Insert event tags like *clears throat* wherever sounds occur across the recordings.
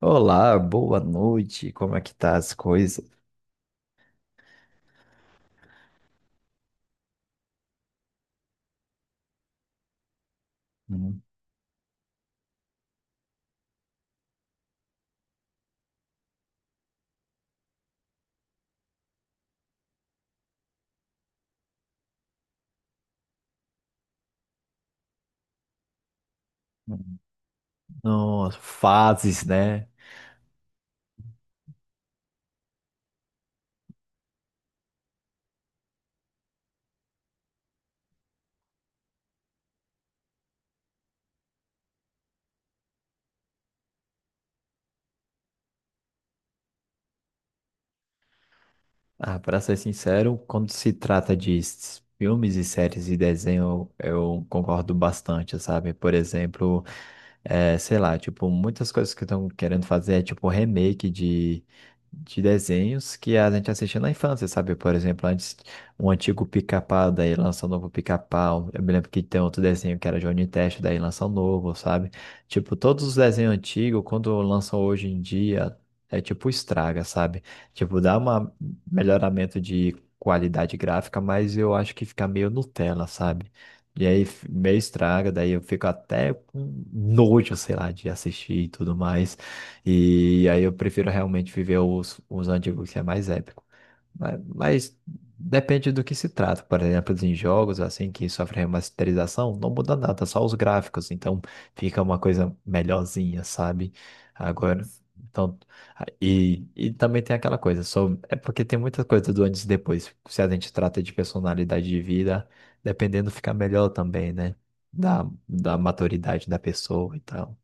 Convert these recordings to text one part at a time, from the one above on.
Olá, boa noite. Como é que tá as coisas? Hum, hum. Nossa, fases, né? Ah, para ser sincero, quando se trata de filmes e séries e desenho, eu concordo bastante, sabe? Por exemplo, é, sei lá, tipo, muitas coisas que estão querendo fazer é tipo remake de desenhos que a gente assistia na infância, sabe? Por exemplo, antes um antigo Pica-Pau, daí lança um novo Pica-Pau. Eu me lembro que tem outro desenho que era Johnny Test, daí lança um novo, sabe? Tipo, todos os desenhos antigos, quando lançam hoje em dia, é tipo estraga, sabe? Tipo, dá um melhoramento de qualidade gráfica, mas eu acho que fica meio Nutella, sabe? E aí meio estraga, daí eu fico até com nojo, sei lá, de assistir e tudo mais. E aí eu prefiro realmente viver os antigos, que é mais épico. Mas depende do que se trata. Por exemplo, em jogos assim que sofrem remasterização, não muda nada, só os gráficos. Então fica uma coisa melhorzinha, sabe? Agora. Então, e também tem aquela coisa, só é porque tem muita coisa do antes e depois. Se a gente trata de personalidade de vida. Dependendo, fica melhor também, né? Da maturidade da pessoa e tal.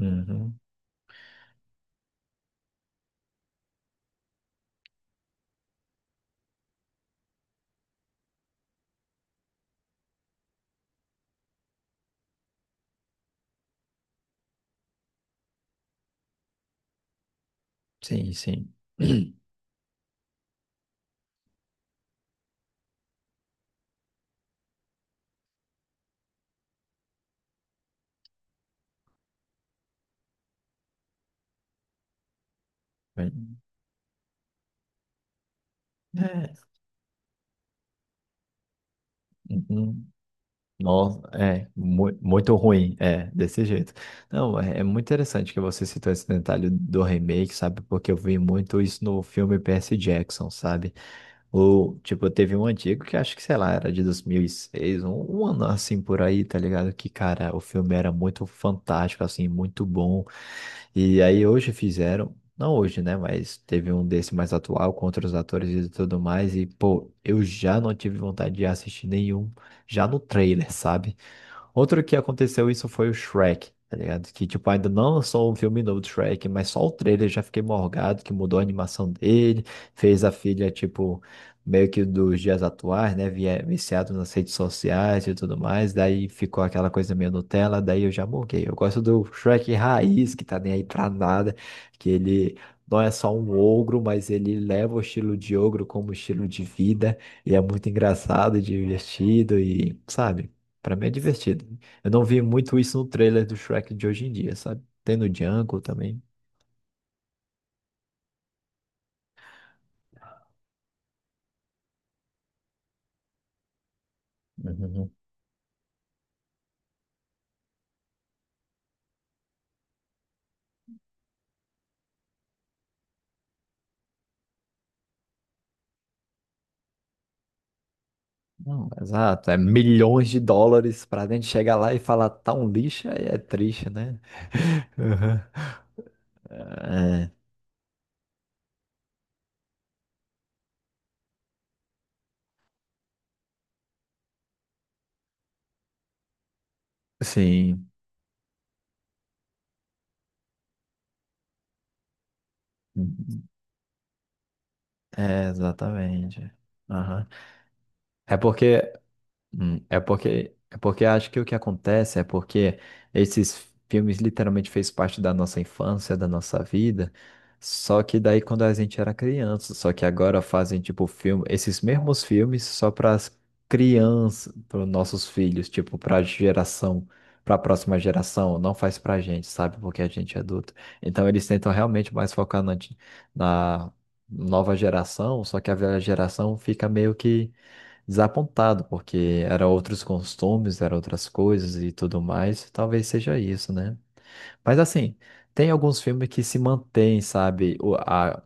Uhum. Sim, sim. *clears throat* Bem, é. Uhum. Nossa, é muito ruim, é, desse jeito. Não, é, é muito interessante que você citou esse detalhe do remake, sabe? Porque eu vi muito isso no filme Percy Jackson, sabe? Ou, tipo, teve um antigo que acho que, sei lá, era de 2006, um ano assim por aí, tá ligado? Que, cara, o filme era muito fantástico, assim, muito bom. E aí hoje fizeram, não hoje, né? Mas teve um desse mais atual, com outros atores e tudo mais. E, pô, eu já não tive vontade de assistir nenhum, já no trailer, sabe? Outro que aconteceu isso foi o Shrek, tá ligado? Que, tipo, ainda não lançou um filme novo do Shrek, mas só o trailer já fiquei morgado, que mudou a animação dele, fez a filha, tipo, meio que dos dias atuais, né? Viciado nas redes sociais e tudo mais, daí ficou aquela coisa meio Nutella, daí eu já morguei. Eu gosto do Shrek raiz, que tá nem aí pra nada, que ele não é só um ogro, mas ele leva o estilo de ogro como estilo de vida, e é muito engraçado e divertido, e, sabe? Pra mim é divertido. Eu não vi muito isso no trailer do Shrek de hoje em dia, sabe? Tem no Django também. Uhum. Não, exato. É milhões de dólares pra gente chegar lá e falar tá um lixo, aí é triste, né? *laughs* Uhum. É, sim. Uhum. É, exatamente. Aham. É porque é porque acho que o que acontece é porque esses filmes literalmente fez parte da nossa infância, da nossa vida. Só que daí quando a gente era criança, só que agora fazem tipo filme, esses mesmos filmes só para as crianças, para os nossos filhos, tipo para geração, para a próxima geração, não faz pra gente, sabe? Porque a gente é adulto. Então eles tentam realmente mais focar na nova geração, só que a velha geração fica meio que desapontado, porque era outros costumes, era outras coisas e tudo mais. Talvez seja isso, né? Mas assim, tem alguns filmes que se mantêm, sabe?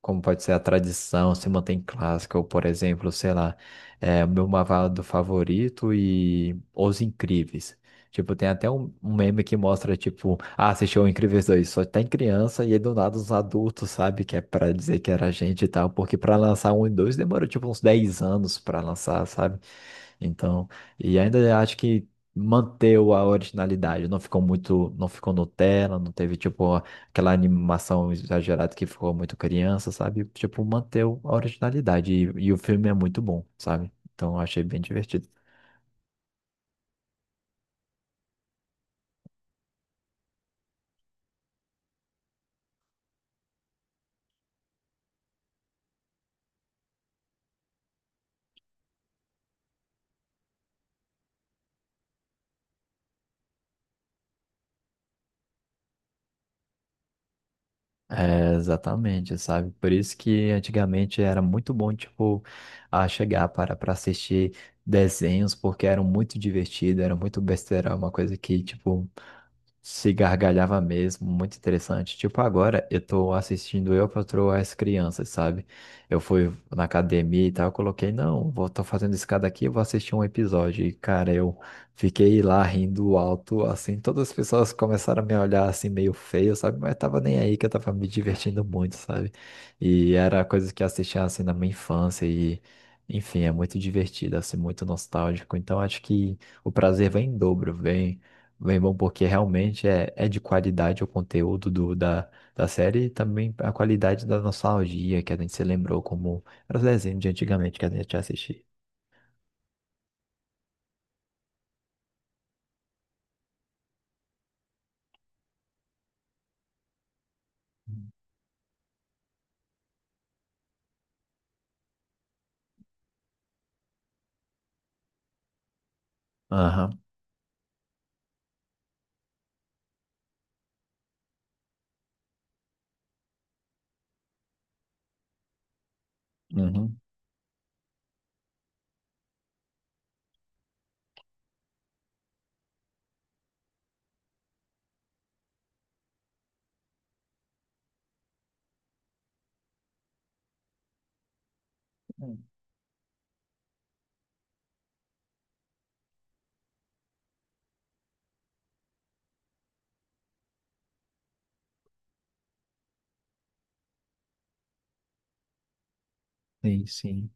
Como pode ser a tradição, se mantém clássica, ou por exemplo, sei lá, é, o meu malvado favorito e Os Incríveis. Tipo, tem até um meme que mostra, tipo, ah, assistiu o Incríveis 2 só tem criança e aí do nada os adultos, sabe? Que é pra dizer que era gente e tal, porque pra lançar um e dois demorou, tipo, uns 10 anos pra lançar, sabe? Então, e ainda acho que manteu a originalidade, não ficou muito, não ficou Nutella, não teve tipo aquela animação exagerada que ficou muito criança, sabe? Tipo, manteu a originalidade e o filme é muito bom, sabe? Então, eu achei bem divertido. É, exatamente, sabe? Por isso que antigamente era muito bom, tipo, a chegar para assistir desenhos, porque eram muito divertidos, era muito besteira, uma coisa que, tipo, se gargalhava mesmo, muito interessante. Tipo, agora eu tô assistindo Eu, Patroa e as Crianças, sabe? Eu fui na academia e tal, eu coloquei, não, vou, tô fazendo escada aqui, eu vou assistir um episódio. E, cara, eu fiquei lá rindo alto, assim, todas as pessoas começaram a me olhar assim, meio feio, sabe? Mas tava nem aí que eu tava me divertindo muito, sabe? E era coisas que eu assistia, assim, na minha infância e... Enfim, é muito divertido, assim, muito nostálgico. Então, acho que o prazer vem em dobro, vem bem bom, porque realmente é, é de qualidade o conteúdo da série e também a qualidade da nostalgia que a gente se lembrou como era os desenhos de antigamente que a gente assistia. Aham, uhum. Sim, sim.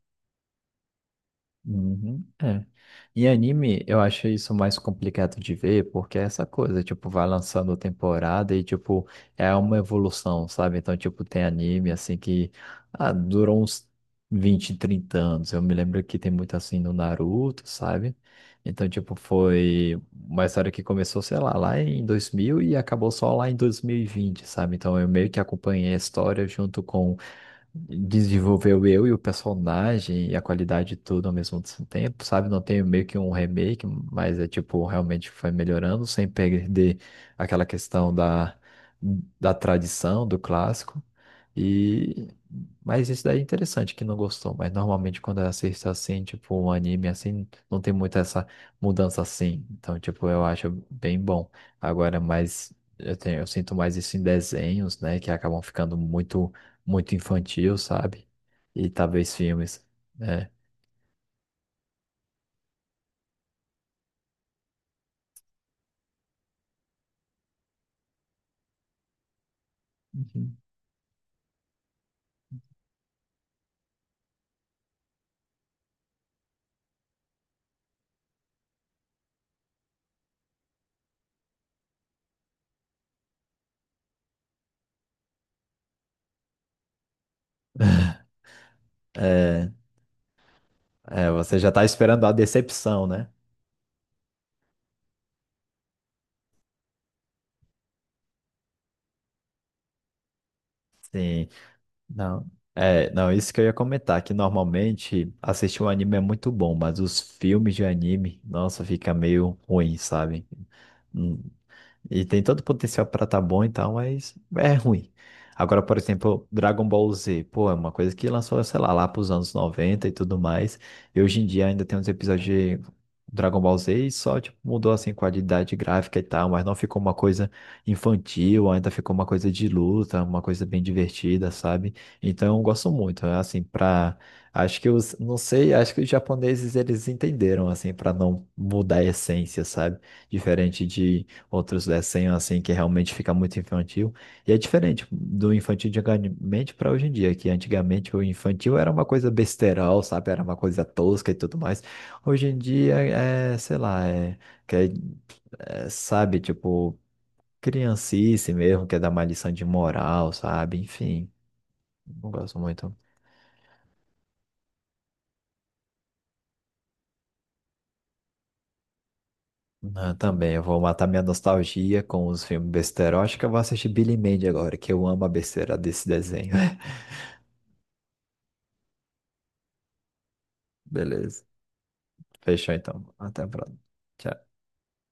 Uhum, é. Em anime, eu acho isso mais complicado de ver, porque é essa coisa, tipo, vai lançando temporada e, tipo, é uma evolução, sabe? Então, tipo, tem anime, assim, que ah, durou uns 20 30 anos. Eu me lembro que tem muito, assim, no Naruto, sabe? Então, tipo, foi uma história que começou, sei lá, lá em 2000 e acabou só lá em 2020, sabe? Então, eu meio que acompanhei a história junto com desenvolveu eu e o personagem e a qualidade tudo ao mesmo tempo, sabe? Não tem meio que um remake, mas é tipo, realmente foi melhorando sem perder aquela questão da tradição, do clássico. E mas isso daí é interessante que não gostou, mas normalmente quando eu assisto assim, tipo um anime assim, não tem muito essa mudança assim. Então, tipo, eu acho bem bom. Agora, mais eu tenho, eu sinto mais isso em desenhos, né, que acabam ficando muito infantil, sabe? E talvez filmes. É. Uhum. É, você já tá esperando a decepção, né? Sim. Não. É, não, isso que eu ia comentar, que normalmente assistir um anime é muito bom, mas os filmes de anime, nossa, fica meio ruim, sabe? Hum, E tem todo o potencial pra tá bom e tal, mas é ruim. Agora, por exemplo, Dragon Ball Z, pô, é uma coisa que lançou, sei lá, lá pros anos 90 e tudo mais. E hoje em dia ainda tem uns episódios de Dragon Ball Z e só, tipo, mudou, assim, qualidade gráfica e tal, mas não ficou uma coisa infantil, ainda ficou uma coisa de luta, uma coisa bem divertida, sabe? Então, eu gosto muito, né? assim, pra... Acho que os, não sei, acho que os japoneses, eles entenderam, assim, pra não mudar a essência, sabe? Diferente de outros desenhos assim que realmente fica muito infantil. E é diferente do infantil de antigamente para hoje em dia, que antigamente o infantil era uma coisa besterol, sabe? Era uma coisa tosca e tudo mais. Hoje em dia sei lá, quer- sabe, tipo, criancice mesmo, quer dar uma lição de moral, sabe? Enfim, não gosto muito. Ah, também, eu vou matar minha nostalgia com os filmes besterol. Acho que eu vou assistir Billy Mandy agora, que eu amo a besteira desse desenho. *laughs* Beleza. Fechou então. Até a próxima. Tchau.